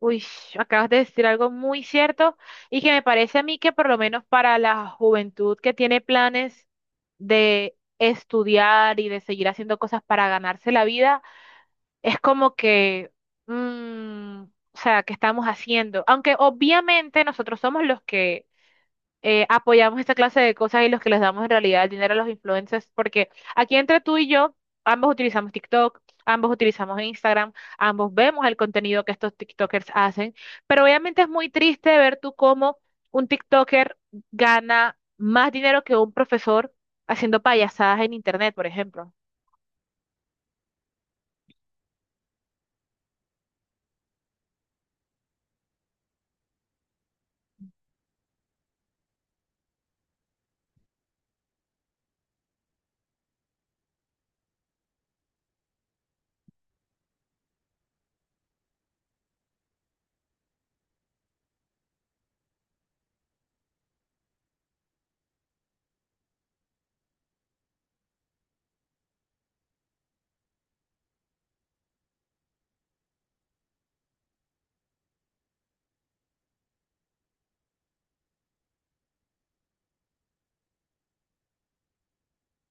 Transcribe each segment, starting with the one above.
Uy, acabas de decir algo muy cierto y que me parece a mí que por lo menos para la juventud que tiene planes de estudiar y de seguir haciendo cosas para ganarse la vida, es como que, o sea, ¿qué estamos haciendo? Aunque obviamente nosotros somos los que apoyamos esta clase de cosas y los que les damos en realidad el dinero a los influencers, porque aquí entre tú y yo, ambos utilizamos TikTok, ambos utilizamos Instagram, ambos vemos el contenido que estos TikTokers hacen, pero obviamente es muy triste ver tú cómo un TikToker gana más dinero que un profesor haciendo payasadas en internet, por ejemplo.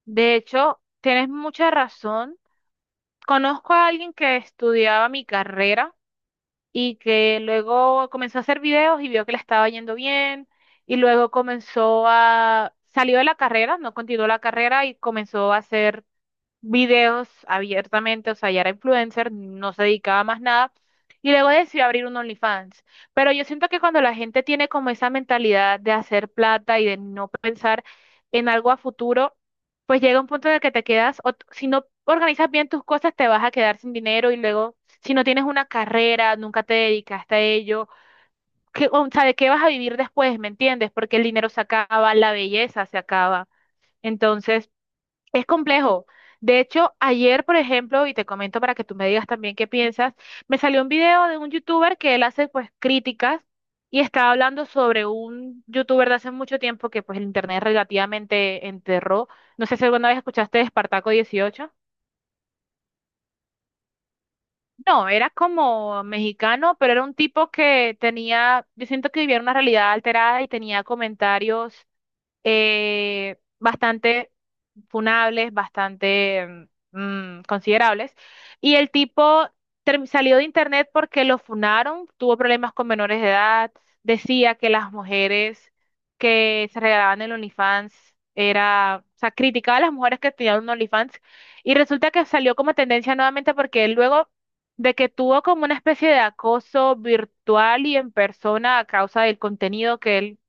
De hecho, tienes mucha razón. Conozco a alguien que estudiaba mi carrera y que luego comenzó a hacer videos y vio que le estaba yendo bien y luego comenzó a, salió de la carrera, no continuó la carrera y comenzó a hacer videos abiertamente, o sea, ya era influencer, no se dedicaba a más nada, y luego decidió abrir un OnlyFans. Pero yo siento que cuando la gente tiene como esa mentalidad de hacer plata y de no pensar en algo a futuro, pues llega un punto en el que te quedas, o si no organizas bien tus cosas, te vas a quedar sin dinero y luego, si no tienes una carrera, nunca te dedicaste a ello, ¿qué, o sea, ¿de qué vas a vivir después? ¿Me entiendes? Porque el dinero se acaba, la belleza se acaba. Entonces, es complejo. De hecho, ayer, por ejemplo, y te comento para que tú me digas también qué piensas, me salió un video de un youtuber que él hace pues críticas y estaba hablando sobre un youtuber de hace mucho tiempo que pues el internet relativamente enterró. No sé si alguna vez escuchaste de Espartaco 18. No, era como mexicano, pero era un tipo que tenía, yo siento que vivía una realidad alterada y tenía comentarios bastante funables, bastante considerables. Y el tipo salió de internet porque lo funaron, tuvo problemas con menores de edad, decía que las mujeres que se regalaban el OnlyFans era, o sea, criticaba a las mujeres que tenían un OnlyFans y resulta que salió como tendencia nuevamente porque él luego de que tuvo como una especie de acoso virtual y en persona a causa del contenido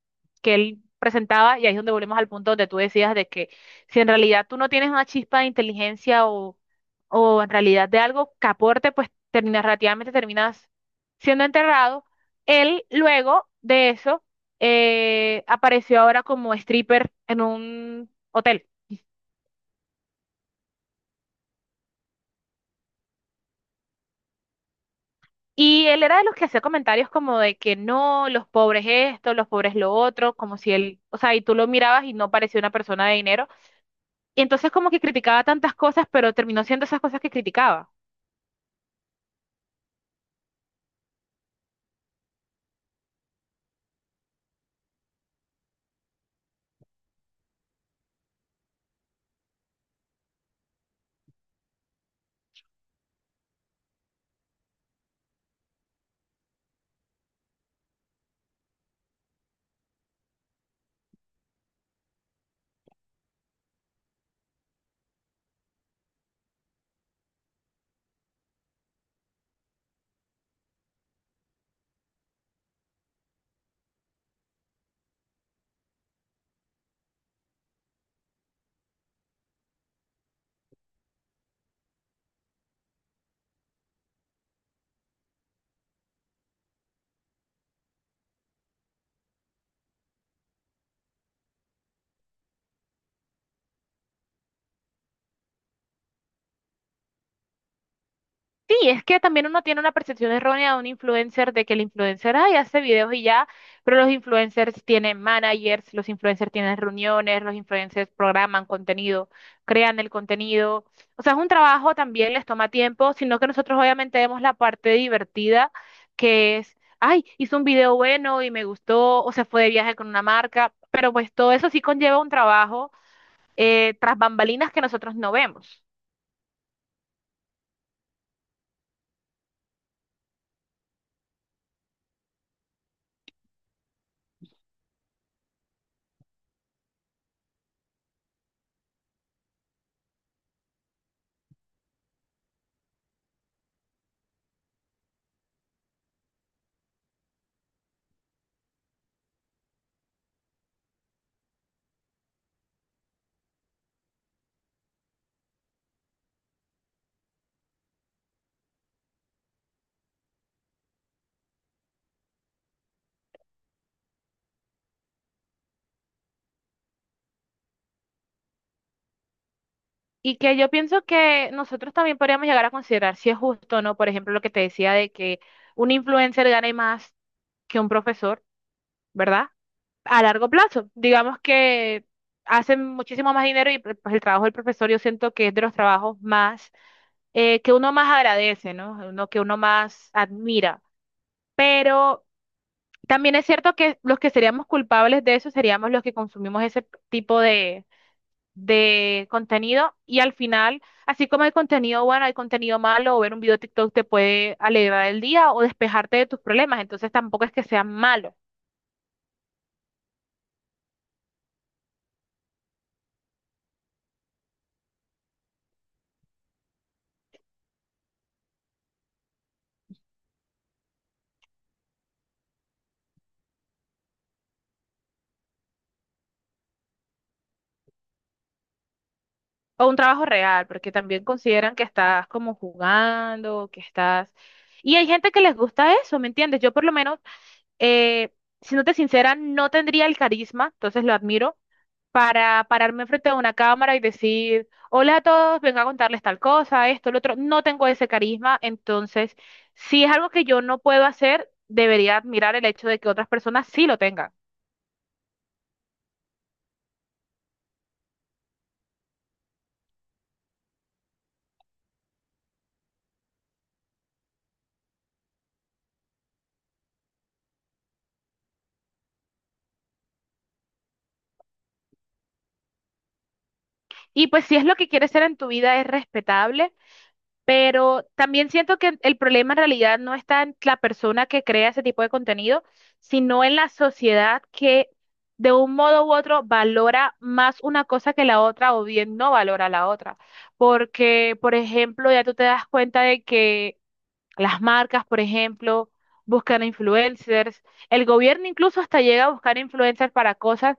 que él presentaba, y ahí es donde volvemos al punto donde tú decías de que si en realidad tú no tienes una chispa de inteligencia o en realidad de algo que aporte, pues terminas, relativamente terminas siendo enterrado. Él luego de eso apareció ahora como stripper en un hotel. Y él era de los que hacía comentarios como de que no, los pobres esto, los pobres lo otro, como si él, o sea, y tú lo mirabas y no parecía una persona de dinero. Y entonces como que criticaba tantas cosas, pero terminó siendo esas cosas que criticaba. Sí, es que también uno tiene una percepción errónea de un influencer, de que el influencer, ay, hace videos y ya, pero los influencers tienen managers, los influencers tienen reuniones, los influencers programan contenido, crean el contenido. O sea, es un trabajo, también les toma tiempo, sino que nosotros obviamente vemos la parte divertida, que es, ay, hizo un video bueno y me gustó, o se fue de viaje con una marca, pero pues todo eso sí conlleva un trabajo tras bambalinas que nosotros no vemos. Y que yo pienso que nosotros también podríamos llegar a considerar si es justo o no, por ejemplo, lo que te decía de que un influencer gane más que un profesor, ¿verdad? A largo plazo. Digamos que hacen muchísimo más dinero y pues el trabajo del profesor yo siento que es de los trabajos más, que uno más agradece, ¿no? Uno que uno más admira. Pero también es cierto que los que seríamos culpables de eso seríamos los que consumimos ese tipo de contenido y al final, así como hay contenido bueno, hay contenido malo o ver un video de TikTok te puede alegrar el día o despejarte de tus problemas, entonces tampoco es que sea malo o un trabajo real, porque también consideran que estás como jugando, que estás... Y hay gente que les gusta eso, ¿me entiendes? Yo por lo menos, eh, siéndote sincera, no tendría el carisma, entonces lo admiro para pararme frente a una cámara y decir, hola a todos, vengo a contarles tal cosa, esto, lo otro. No tengo ese carisma, entonces, si es algo que yo no puedo hacer, debería admirar el hecho de que otras personas sí lo tengan. Y pues si es lo que quieres ser en tu vida, es respetable. Pero también siento que el problema en realidad no está en la persona que crea ese tipo de contenido, sino en la sociedad que de un modo u otro valora más una cosa que la otra o bien no valora la otra. Porque, por ejemplo, ya tú te das cuenta de que las marcas, por ejemplo, buscan influencers, el gobierno incluso hasta llega a buscar influencers para cosas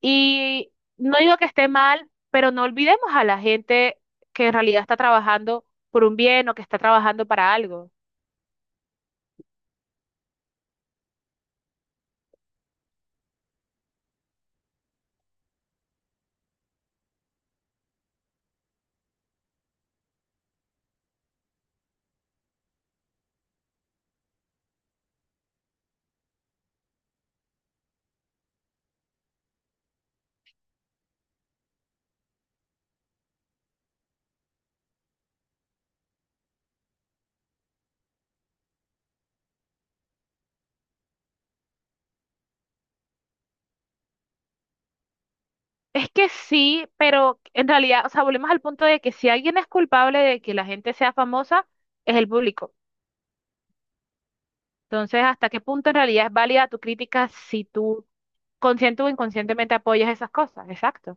y no digo que esté mal, pero no olvidemos a la gente que en realidad está trabajando por un bien o que está trabajando para algo. Es que sí, pero en realidad, o sea, volvemos al punto de que si alguien es culpable de que la gente sea famosa, es el público. Entonces, ¿hasta qué punto en realidad es válida tu crítica si tú consciente o inconscientemente apoyas esas cosas? Exacto.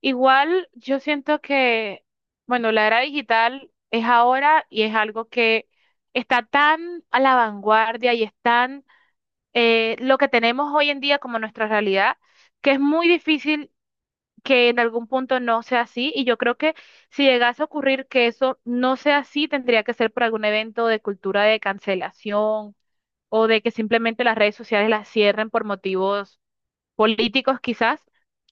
Igual yo siento que, bueno, la era digital es ahora y es algo que está tan a la vanguardia y es tan lo que tenemos hoy en día como nuestra realidad, que es muy difícil que en algún punto no sea así. Y yo creo que si llegase a ocurrir que eso no sea así, tendría que ser por algún evento de cultura de cancelación o de que simplemente las redes sociales las cierren por motivos políticos quizás,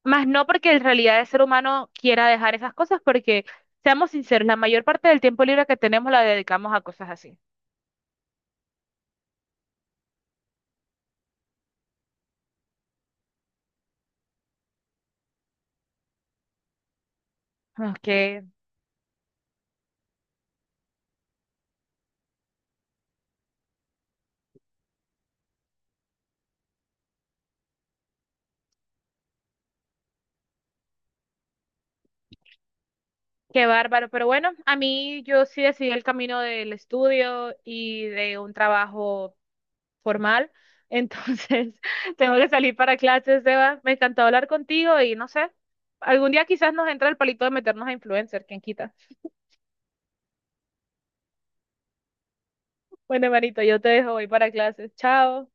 más no porque en realidad el ser humano quiera dejar esas cosas, porque seamos sinceros, la mayor parte del tiempo libre que tenemos la dedicamos a cosas así. Ah, qué, qué bárbaro, pero bueno, a mí yo sí decidí el camino del estudio y de un trabajo formal, entonces tengo que salir para clases, Eva. Me encantó hablar contigo y no sé, algún día quizás nos entra el palito de meternos a influencer, quién quita. Bueno, hermanito, yo te dejo, voy para clases, chao.